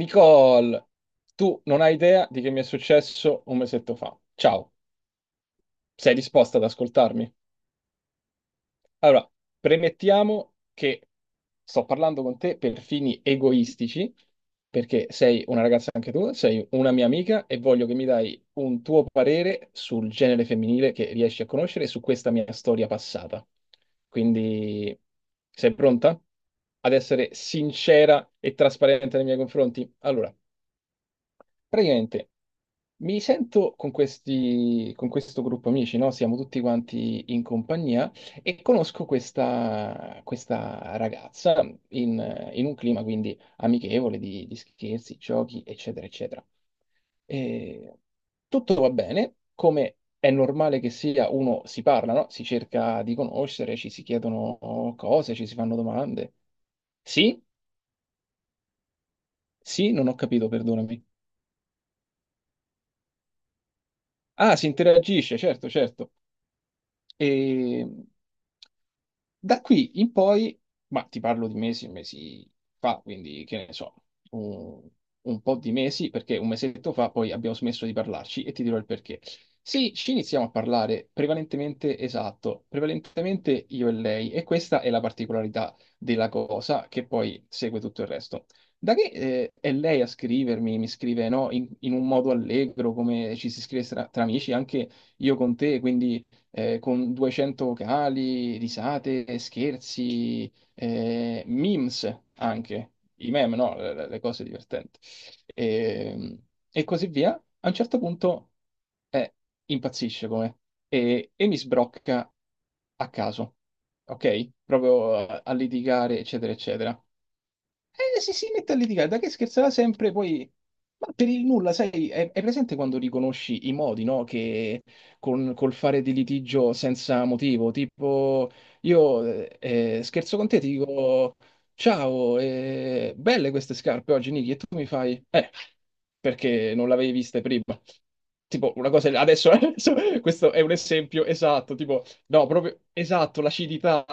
Nicole, tu non hai idea di che mi è successo un mesetto fa. Ciao, sei disposta ad ascoltarmi? Allora, premettiamo che sto parlando con te per fini egoistici, perché sei una ragazza anche tu, sei una mia amica e voglio che mi dai un tuo parere sul genere femminile che riesci a conoscere e su questa mia storia passata. Quindi, sei pronta ad essere sincera e trasparente nei miei confronti? Allora. Praticamente mi sento con questo gruppo amici, no? Siamo tutti quanti in compagnia e conosco questa ragazza in un clima quindi amichevole di scherzi, giochi, eccetera, eccetera. E tutto va bene, come è normale che sia, uno si parla, no? Si cerca di conoscere, ci si chiedono cose, ci si fanno domande. Sì? Sì, non ho capito, perdonami. Ah, si interagisce, certo, certo. E da qui in poi, ma ti parlo di mesi, mesi fa, quindi che ne so, un, un po' di mesi, perché un mesetto fa poi abbiamo smesso di parlarci e ti dirò il perché. Sì, ci iniziamo a parlare prevalentemente, esatto, prevalentemente io e lei, e questa è la particolarità della cosa che poi segue tutto il resto. Da che è lei a scrivermi, mi scrive no, in un modo allegro, come ci si scrive tra amici, anche io con te, quindi con 200 vocali, risate, scherzi, memes anche, i meme, no? Le cose divertenti. E, e così via. A un certo punto eh, impazzisce come e mi sbrocca a caso, ok? Proprio a litigare, eccetera, eccetera. Si mette a litigare, da che scherzerà sempre, poi... Ma per il nulla, sai, è presente quando riconosci i modi, no? Che col fare di litigio senza motivo, tipo io scherzo con te, ti dico ciao, belle queste scarpe oggi, Niki, e tu mi fai perché non l'avevi viste prima. Tipo, una cosa, adesso, adesso questo è un esempio esatto, tipo. No, proprio esatto, l'acidità.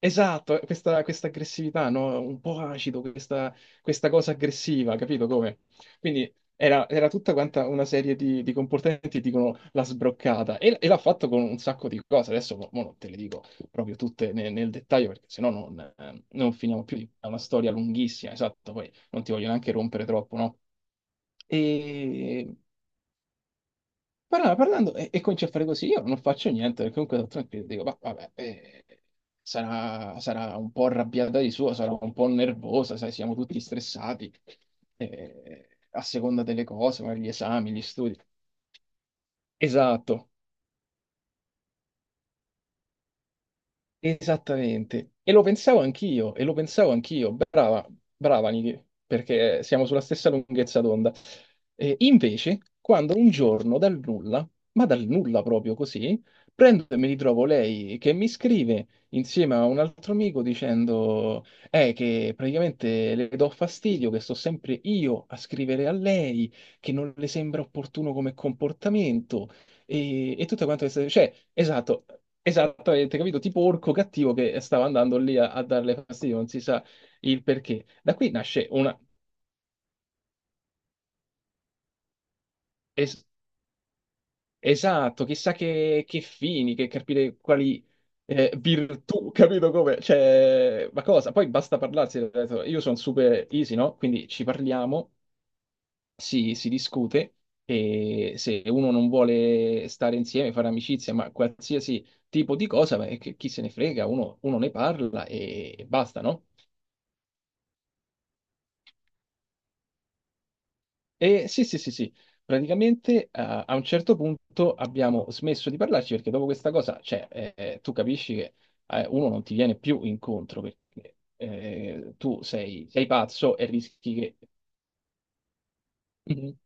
Esatto, questa aggressività, no? Un po' acido, questa cosa aggressiva, capito come? Quindi era tutta quanta una serie di comportamenti, dicono la sbroccata, e l'ha fatto con un sacco di cose. Adesso mo non te le dico proprio tutte nel dettaglio, perché sennò non finiamo più. È una storia lunghissima, esatto, poi non ti voglio neanche rompere troppo, no? Parlando, parlando e comincia a fare così, io non faccio niente, perché comunque sono tranquillo, dico, "Ma vabbè, sarà un po' arrabbiata di suo, sarà un po' nervosa, sai, siamo tutti stressati, a seconda delle cose, magari gli esami, gli studi. Esatto, esattamente. E lo pensavo anch'io, e lo pensavo anch'io. Brava, brava Niki, perché siamo sulla stessa lunghezza d'onda. Invece, quando un giorno dal nulla, ma dal nulla proprio così, prendo e mi ritrovo lei che mi scrive insieme a un altro amico dicendo che praticamente le do fastidio, che sto sempre io a scrivere a lei, che non le sembra opportuno come comportamento e tutto quanto questo, cioè, esatto, esattamente, capito? Tipo orco cattivo che stava andando lì a darle fastidio, non si sa il perché. Da qui nasce una... es- esatto, chissà che fini, che capire quali virtù, capito come? Cioè, ma cosa? Poi basta parlarsi, ho detto, io sono super easy, no? Quindi ci parliamo si discute e se uno non vuole stare insieme, fare amicizia, ma qualsiasi tipo di cosa, beh, chi se ne frega, uno ne parla e basta, no? E sì, sì, sì, sì. Praticamente a un certo punto abbiamo smesso di parlarci perché dopo questa cosa, cioè, tu capisci che uno non ti viene più incontro perché tu sei pazzo e rischi che... Mhm,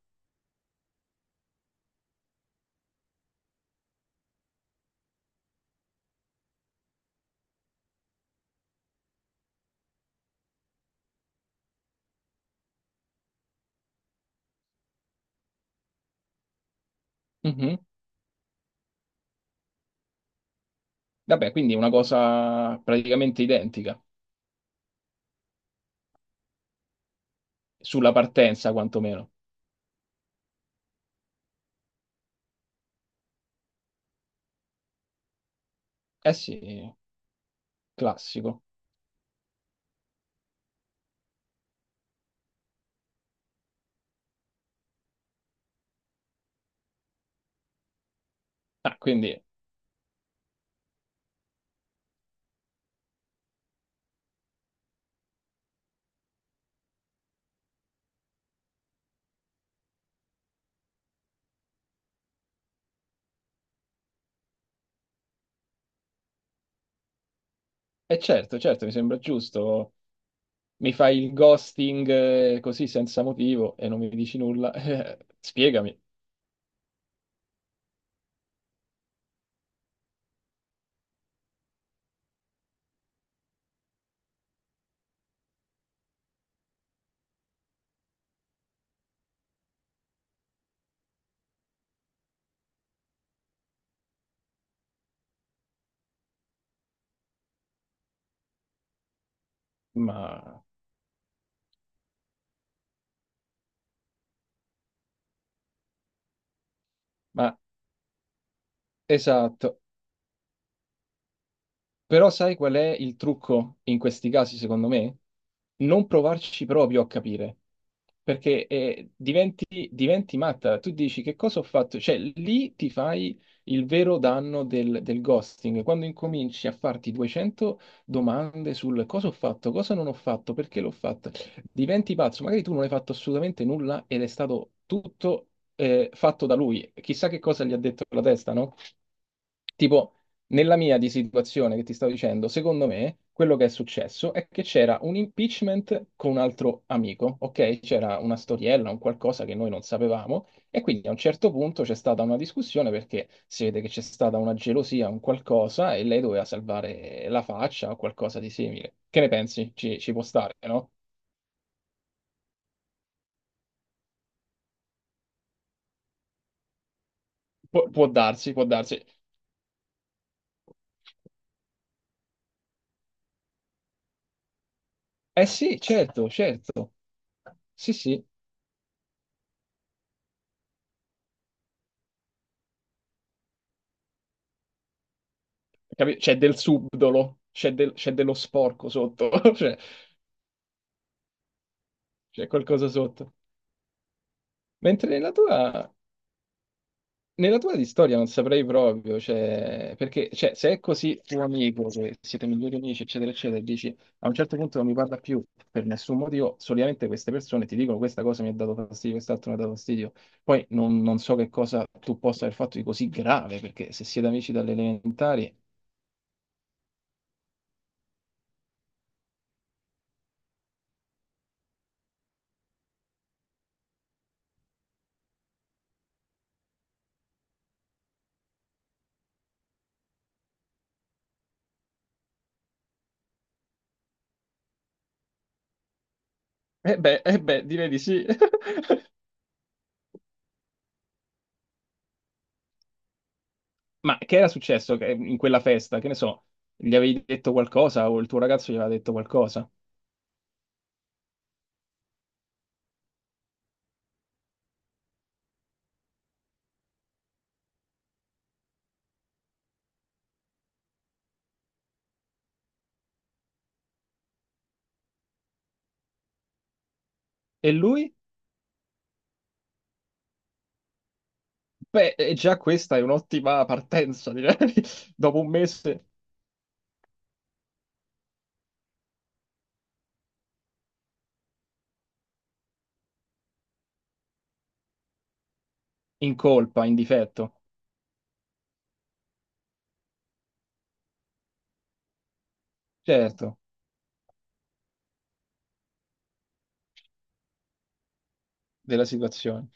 mhm. Vabbè, quindi è una cosa praticamente identica, sulla partenza quantomeno. Eh sì, classico. Ah, quindi, è certo, certo, mi sembra giusto. Mi fai il ghosting così senza motivo e non mi dici nulla. Spiegami. Ma, ma esatto. Però sai qual è il trucco in questi casi, secondo me? Non provarci proprio a capire, perché diventi, diventi matta. Tu dici che cosa ho fatto? Cioè, lì ti fai il vero danno del ghosting, quando incominci a farti 200 domande sul cosa ho fatto, cosa non ho fatto, perché l'ho fatto. Diventi pazzo, magari tu non hai fatto assolutamente nulla ed è stato tutto fatto da lui. Chissà che cosa gli ha detto la testa, no? Tipo, nella mia di situazione che ti stavo dicendo, secondo me quello che è successo è che c'era un impeachment con un altro amico, ok? C'era una storiella, un qualcosa che noi non sapevamo e quindi a un certo punto c'è stata una discussione perché si vede che c'è stata una gelosia, un qualcosa e lei doveva salvare la faccia o qualcosa di simile. Che ne pensi? Ci può stare, no? Può darsi, può darsi. Eh sì, certo, certo. Sì, sì, c'è del subdolo, c'è dello sporco sotto. Cioè, c'è qualcosa sotto. Mentre nella tua, di storia non saprei proprio, cioè, perché cioè, se è così tuo amico, che siete migliori amici, eccetera, eccetera, e dici a un certo punto non mi parla più per nessun motivo, solitamente queste persone ti dicono questa cosa mi ha dato fastidio, quest'altro mi ha dato fastidio. Poi non so che cosa tu possa aver fatto di così grave, perché se siete amici dalle elementari... eh beh, direi di sì. Ma che era successo in quella festa? Che ne so, gli avevi detto qualcosa o il tuo ragazzo gli aveva detto qualcosa? E lui? Beh, e già questa è un'ottima partenza, direi. Dopo un mese in colpa, in difetto, certo, della situazione.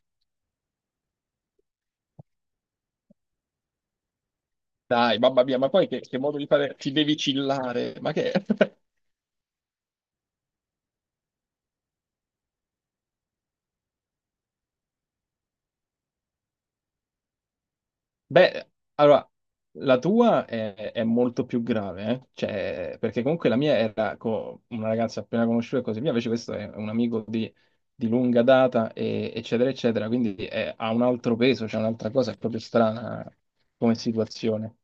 Dai, mamma mia, ma poi che modo di fare? Ti devi chillare, ma che... Beh, allora, la tua è molto più grave, eh? Cioè, perché comunque la mia era una ragazza appena conosciuta e così via, invece questo è un amico di lunga data, eccetera, eccetera, quindi ha un altro peso, c'è un'altra cosa, è proprio strana come situazione.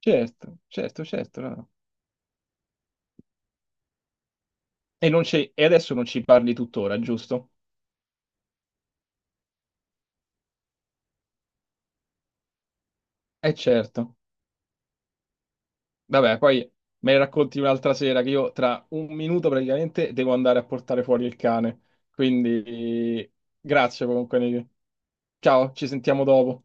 Certo, certo, certo. No, no. E adesso non ci parli tuttora, giusto? Eh certo. Vabbè, poi me ne racconti un'altra sera che io tra un minuto praticamente devo andare a portare fuori il cane. Quindi grazie comunque, Nick. Ciao, ci sentiamo dopo.